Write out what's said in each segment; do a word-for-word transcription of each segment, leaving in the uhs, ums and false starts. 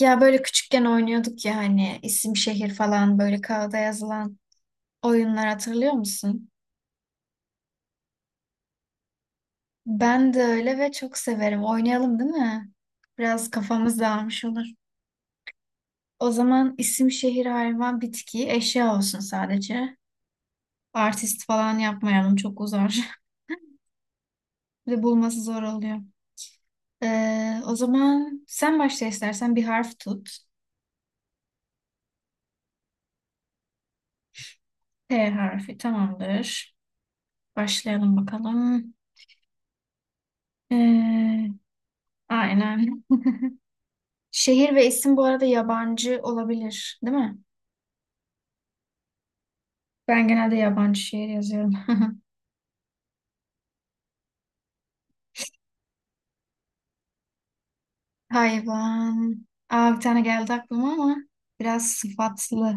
Ya böyle küçükken oynuyorduk ya hani isim şehir falan böyle kağıda yazılan oyunlar hatırlıyor musun? Ben de öyle ve çok severim. Oynayalım değil mi? Biraz kafamız dağılmış olur. O zaman isim şehir hayvan bitki eşya olsun sadece. Artist falan yapmayalım çok uzar. Bir de bulması zor oluyor. Ee, o zaman sen başla istersen bir harf tut. T harfi tamamdır. Başlayalım bakalım. Ee, aynen. Şehir ve isim bu arada yabancı olabilir, değil mi? Ben genelde yabancı şehir yazıyorum. Hayvan. Aa, bir tane geldi aklıma ama biraz sıfatlı.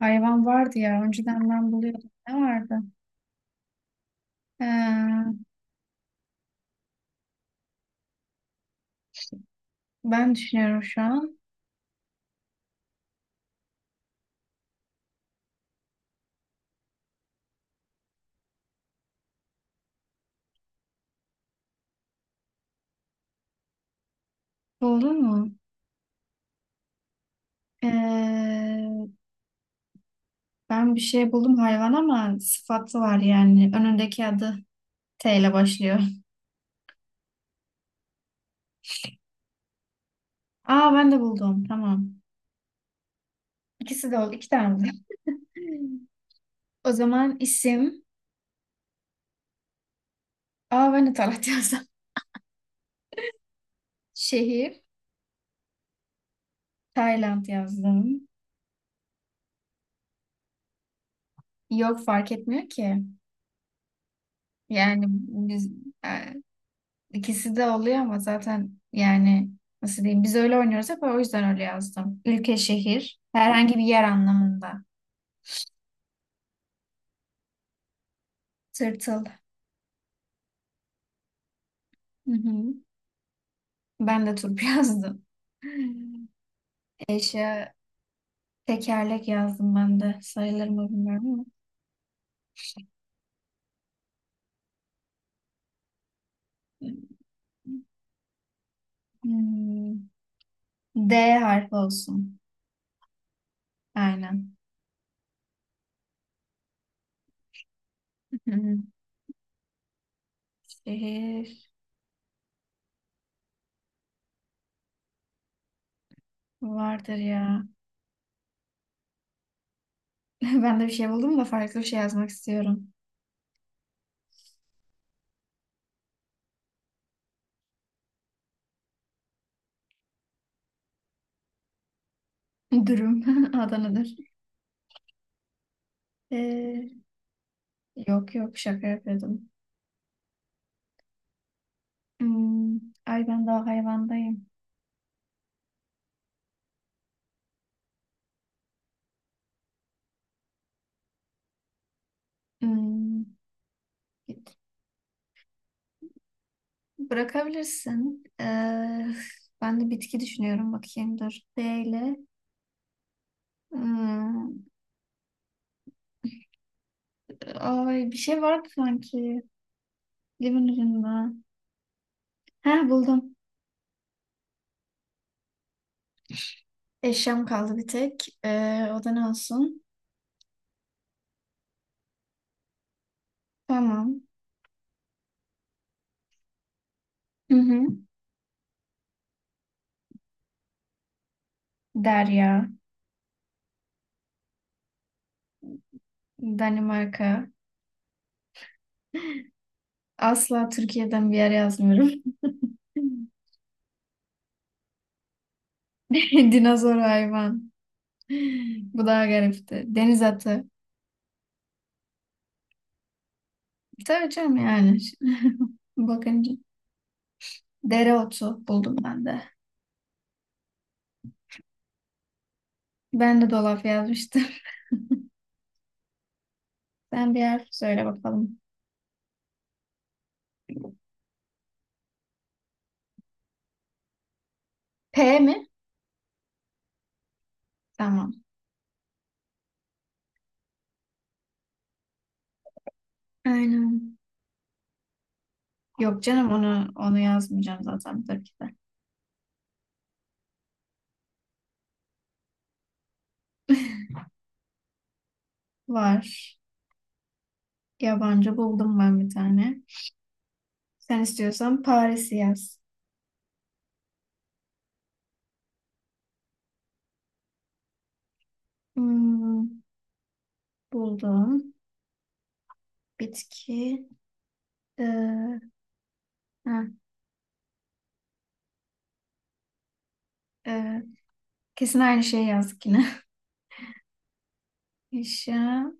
Hayvan vardı ya. Önceden ben buluyordum. Ne vardı? Ee, Ben düşünüyorum şu an. Buldun mu? Ee, Ben bir şey buldum hayvan ama sıfatı var yani. Önündeki adı T ile başlıyor. Aa ben de buldum. Tamam. İkisi de oldu. İki tane buldum. O zaman isim. Aa ben de Talat yazdım. Şehir Tayland yazdım. Yok fark etmiyor ki. Yani biz e, ikisi de oluyor ama zaten yani nasıl diyeyim biz öyle oynuyoruz hep o yüzden öyle yazdım. Ülke şehir herhangi bir yer anlamında. Tırtıl. Hı hı. Ben de turp yazdım. Eşya tekerlek yazdım ben de. Sayılır mı bilmiyorum ama. Hmm, D harfi olsun. Aynen. Hı hı. Şehir. Vardır ya. Ben de bir şey buldum da farklı bir şey yazmak istiyorum. Dürüm. Adana'dır. Ee, Yok yok şaka yapıyordum. Hmm, ay ben daha hayvandayım. Hmm, git. Bırakabilirsin. Ee, ben de bitki düşünüyorum bakayım dur. B ile. Hmm, ay bir şey vardı sanki. Limin ürünü. Heh buldum. Eşyam kaldı bir tek. Ee, o da ne olsun? Tamam. Hı hı. Derya. Danimarka. Asla Türkiye'den bir yer yazmıyorum. Dinozor hayvan. Bu daha garipti. Deniz atı. Tabii canım yani. Bakınca. Dereotu buldum ben de. Ben de dolap yazmıştım. Sen bir harf söyle bakalım. P mi? Tamam. Aynen. Yok canım onu onu yazmayacağım zaten tabii ki de. Var. Yabancı buldum ben bir tane. Sen istiyorsan Paris'i yaz. Hmm, buldum. Bitki. Ee, ha. Ee, Kesin aynı şeyi yazdık yine. Eşya,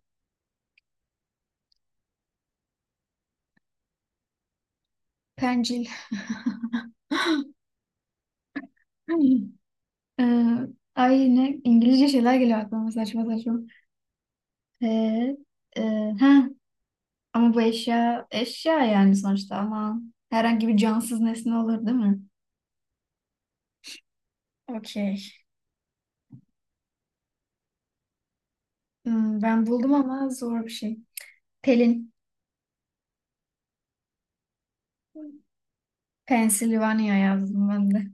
pencil. Ee, Ay yine İngilizce şeyler geliyor aklıma saçma saçma. Ee, e, ha, Ama bu eşya, eşya yani sonuçta ama herhangi bir cansız nesne olur değil mi? Okey. Hmm, ben buldum ama zor bir şey. Pelin. Pennsylvania yazdım ben de.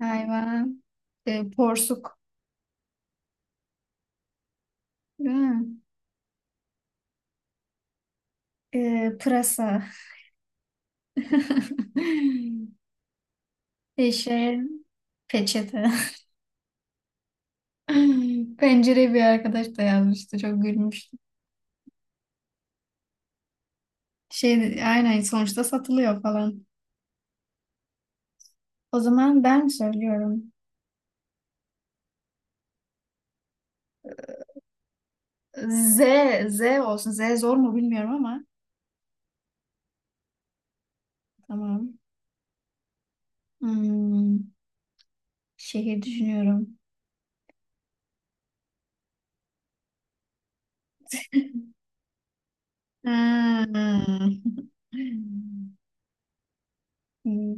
Hayvan. Ee, porsuk. Değil mi? Ee, pırasa. Eşeğe. Peçete. Pencereye bir arkadaş da yazmıştı. Çok gülmüştüm. Şey, aynen sonuçta satılıyor falan. O zaman ben söylüyorum. Z, Z olsun. Z zor mu bilmiyorum ama. Tamam. Hmm, şehir düşünüyorum. Hmm. Hmm.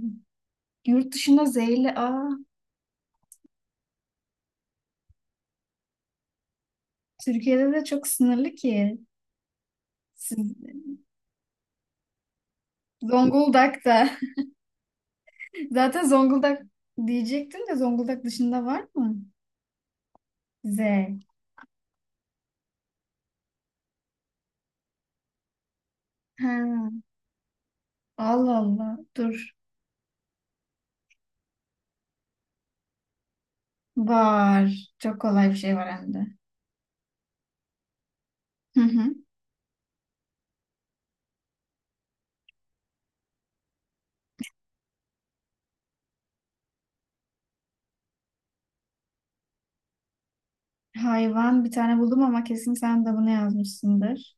Yurt dışında Z ile A. Türkiye'de de çok sınırlı ki. Siz, Zonguldak'ta. Zaten Zonguldak diyecektim de Zonguldak dışında var mı? Z. Ha. Allah Allah. Dur. Var. Çok kolay bir şey var hem de. Hı hı. Hayvan bir tane buldum ama kesin sen de bunu yazmışsındır.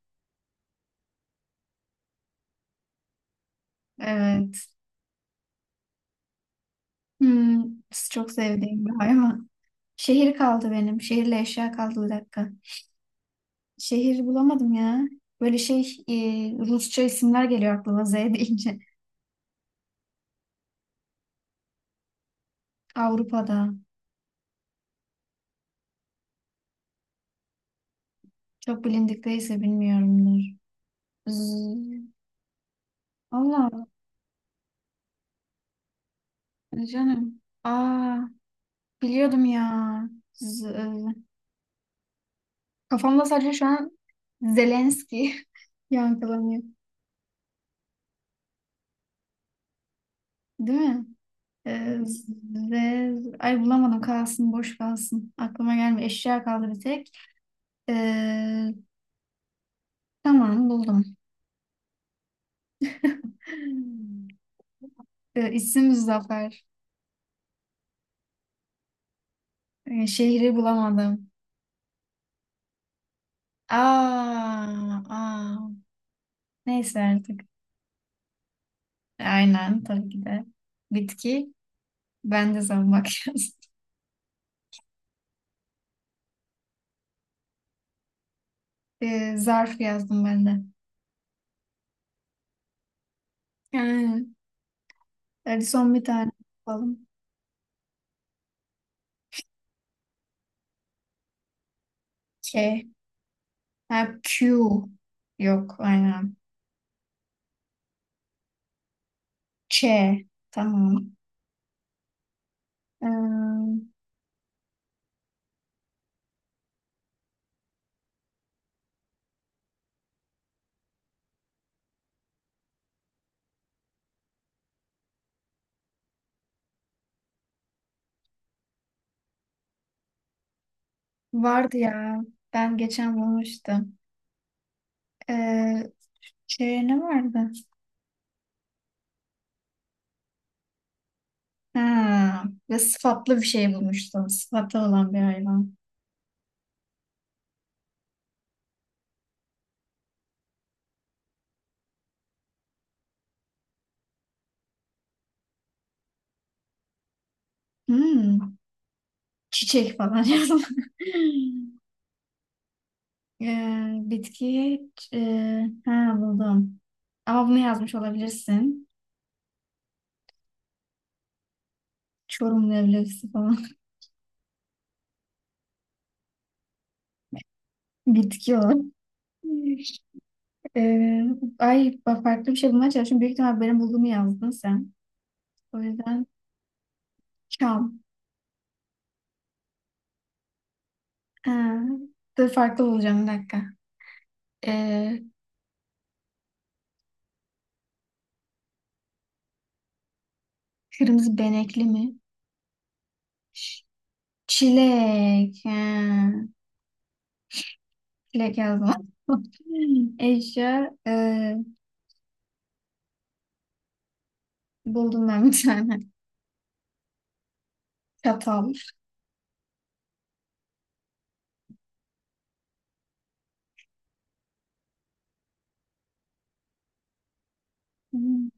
Evet. Hmm, çok sevdiğim bir hayvan. Şehir kaldı benim. Şehirle eşya kaldı bir dakika. Şehir bulamadım ya. Böyle şey e, Rusça isimler geliyor aklıma Z deyince. Avrupa'da. Çok bilindik değilse bilmiyorumdur. Z Allah Allah. Canım. Aa, biliyordum ya. Z, Kafamda sadece şu an Zelenski yankılanıyor. Değil mi? Ee, ze- Ay bulamadım kalsın boş kalsın. Aklıma gelmiyor. Eşya kaldı bir tek. Ee, tamam buldum. Ee, isim Zafer. Ee, şehri bulamadım. Aa, aa. Neyse artık. Aynen tabii ki de. Bitki. Ben de zambak yazdım. Ee, zarf yazdım ben de. Yani, hadi son bir tane yapalım. K. Ha, Q. Yok aynen. Ç. Tamam. Ee, Vardı ya. Ben geçen bulmuştum. Ee, Ç ne vardı? Ha, ve sıfatlı bir şey bulmuştum. Sıfatlı olan bir hayvan. Hmm, çiçek falan yazdım. Ee, bitki. ç- e, ha buldum. Ama bunu yazmış olabilirsin. Çorumlu evlevsi falan. Bitki o. Ee, Ay bak farklı bir şey bulmaya çalışıyorum. Büyük ihtimal benim bulduğumu yazdın sen. O yüzden çam. Ha, dur farklı bulacağım bir dakika. Ee, Kırmızı benekli mi? Çilek. Ha, çilek yazdım. Eşya. Ee, buldum ben bir tane. Çatal. Hmm,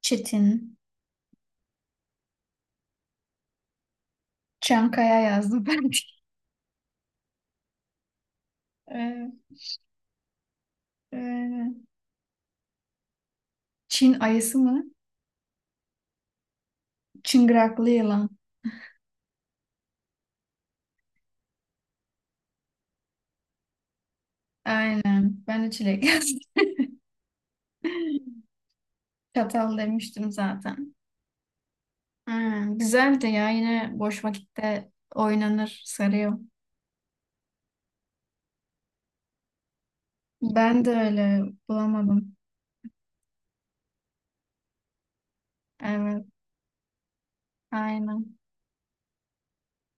Çetin. Çankaya yazdım ben. Ee, ee, Çin ayısı mı? Çıngıraklı yılan. Aynen. Ben de çilek yazdım. Çatal demiştim zaten. Ha, güzel de ya yine boş vakitte oynanır sarıyor. Ben de öyle bulamadım. Evet aynen.